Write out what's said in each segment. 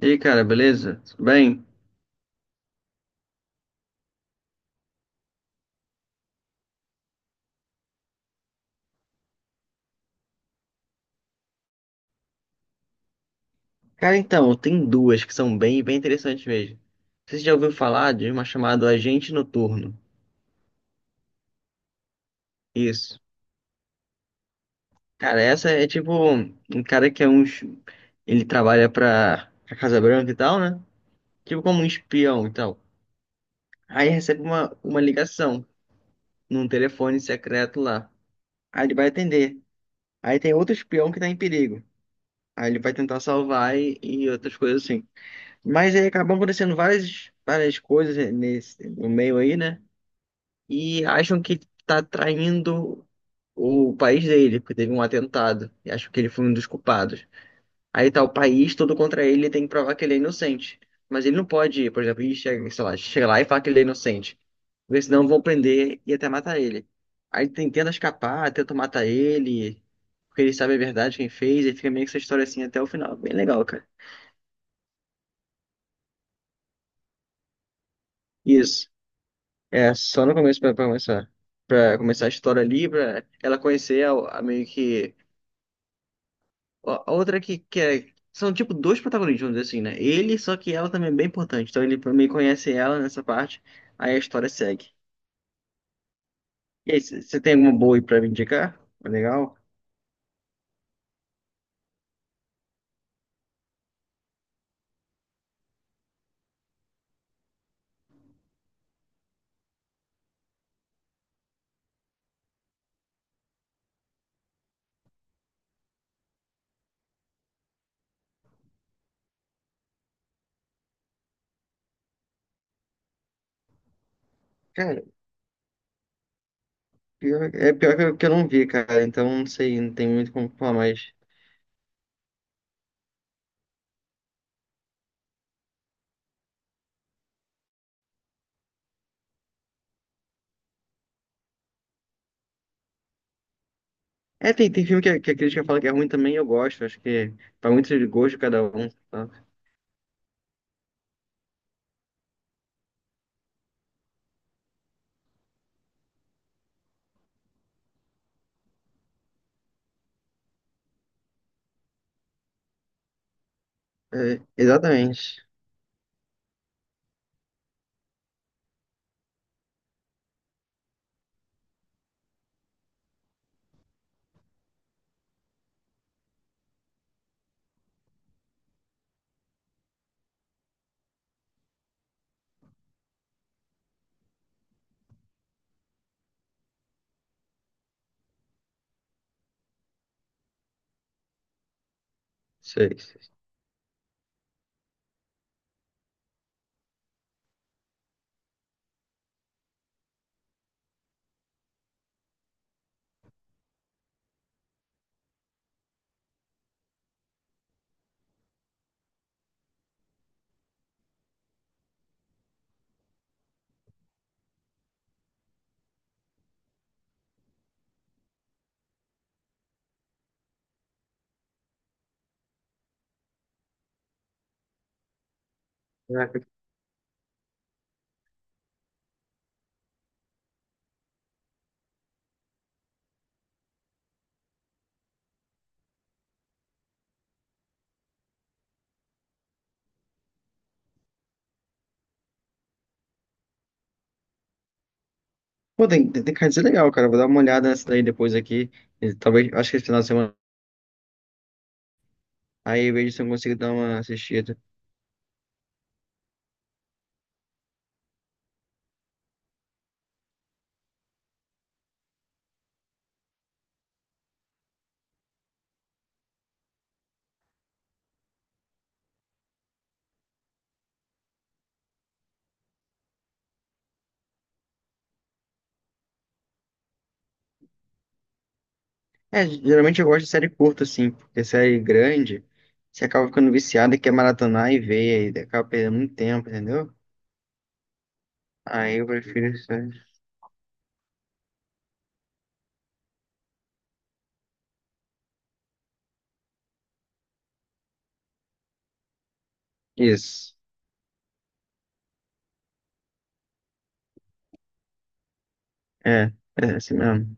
E aí, cara, beleza? Tudo bem? Cara, então, tem duas que são bem, bem interessantes mesmo. Você já ouviu falar de uma chamada Agente Noturno? Isso. Cara, essa é tipo um cara que é Ele trabalha pra Casa Branca e tal, né? Tipo como um espião e tal. Aí recebe uma ligação num telefone secreto lá. Aí ele vai atender. Aí tem outro espião que tá em perigo. Aí ele vai tentar salvar e outras coisas assim. Mas aí acabam acontecendo várias coisas no meio aí, né? E acham que tá traindo o país dele, porque teve um atentado. E acham que ele foi um dos culpados. Aí tá o país todo contra ele, ele tem que provar que ele é inocente. Mas ele não pode, por exemplo, ir, chega, sei lá, chega lá e falar que ele é inocente. Porque senão vão prender e até matar ele. Aí tenta escapar, tenta matar ele, porque ele sabe a verdade, quem fez, e fica meio que essa história assim até o final. Bem legal, cara. Isso. É, só no começo pra começar. Pra começar a história ali, pra ela conhecer a outra que é. São tipo dois protagonistas, vamos dizer assim, né? Ele, só que ela também é bem importante. Então ele meio que conhece ela nessa parte, aí a história segue. E aí, você tem alguma boa aí pra me indicar? Legal? Cara, é pior que eu não vi, cara. Então não sei, não tem muito como falar mais. É, tem filme que a crítica fala que é ruim também, eu gosto. Acho que vai muito de gosto de cada um. Tá? É, exatamente. Sei. Pô, tem cards legal, cara. Vou dar uma olhada nessa daí depois aqui. E talvez, acho que esse final de semana. Aí eu vejo se eu consigo dar uma assistida. É, geralmente eu gosto de série curta, assim, porque série grande, você acaba ficando viciado e quer maratonar e ver, e acaba perdendo muito tempo, entendeu? Aí eu prefiro série. Isso. É, é assim mesmo.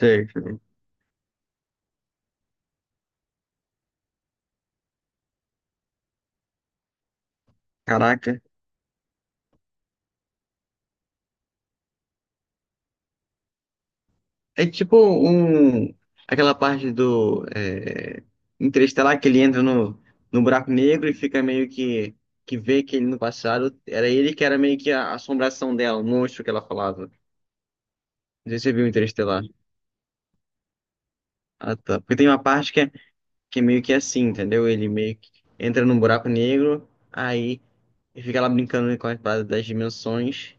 Sei. Caraca. É tipo um, aquela parte do Interestelar que ele entra no buraco negro e fica meio que vê que ele no passado era ele que era meio que a assombração dela, o monstro que ela falava. Não sei se você viu Interestelar. Ah, tá. Porque tem uma parte que é meio que assim, entendeu? Ele meio que entra num buraco negro, aí ele fica lá brincando com as paradas das dimensões.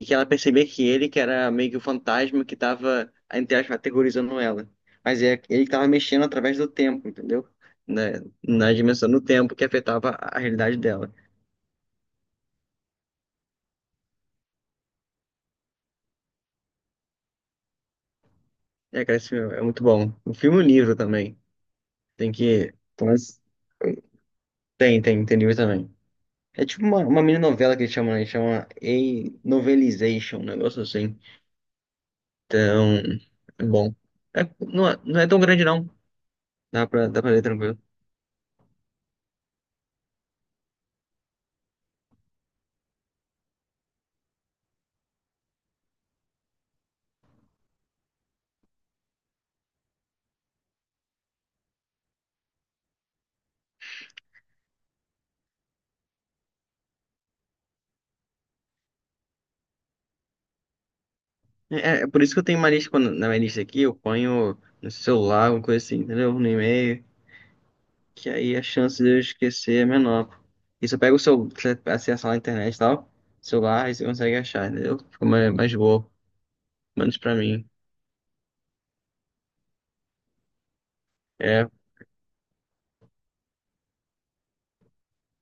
E que ela percebia que ele, que era meio que o fantasma que tava, entre aspas, aterrorizando ela. Mas é, ele que tava mexendo através do tempo, entendeu? Na, Na dimensão do tempo que afetava a realidade dela. É, cara, esse filme é muito bom. O filme e o livro também. Tem que. mas- Tem, tem livro também. É tipo uma mini novela que eles chamam, né? Eles chamam a Novelization, um negócio assim. Então, é bom. É, não, é, não é tão grande, não. Dá dá pra ler tranquilo. É, é por isso que eu tenho uma lista, quando, na minha lista aqui, eu ponho no celular, alguma coisa assim, entendeu? No e-mail, que aí a chance de eu esquecer é menor. E se eu pego o seu, se você acessa lá na internet e tal, celular, aí você consegue achar, entendeu? Fica mais boa, menos pra mim. É,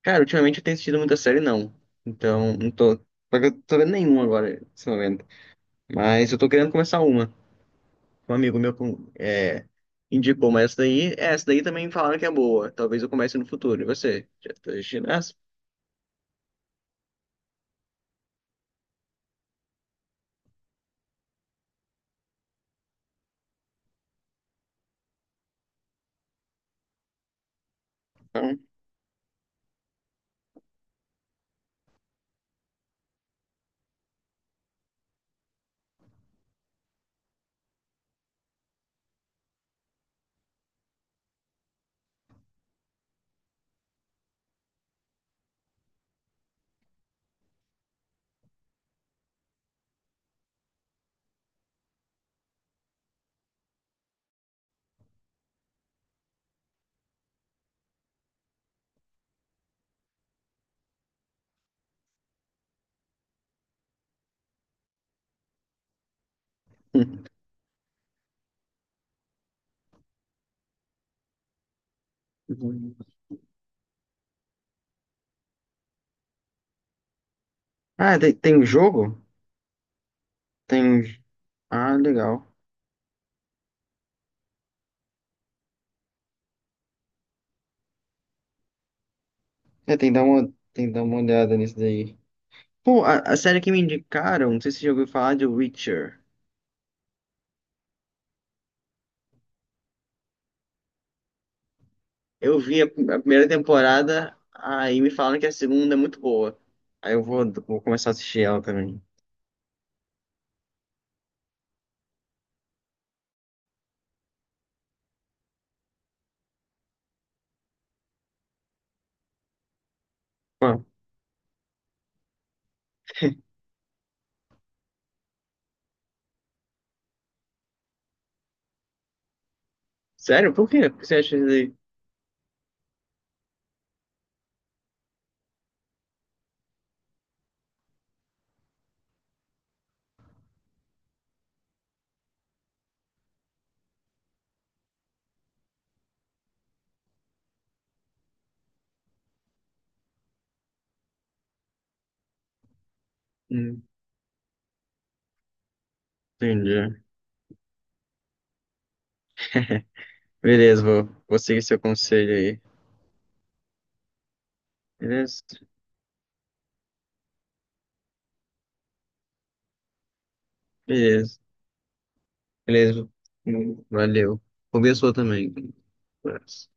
cara, ultimamente eu tenho assistido muita série, não. Então, não tô, só que eu tô vendo nenhuma agora, nesse momento. Mas eu tô querendo começar uma. Um amigo meu indicou, mas essa daí também falaram que é boa. Talvez eu comece no futuro. E você? Já tá assistindo essa? Então, uhum. Ah, tem, tem um jogo? Tem. Ah, legal. É, tem que dar uma, tem que dar uma olhada nisso daí. Pô, a série que me indicaram, não sei se você já ouviu falar de Witcher. Eu vi a primeira temporada, aí me falaram que a segunda é muito boa. Aí eu vou começar a assistir ela também. Pô, sério? Por quê? Por que você acha isso aí? Hum, Entendi. Beleza, vou seguir seu conselho aí. Beleza? Beleza. Beleza. Valeu. Vou ver a sua também. Abraço.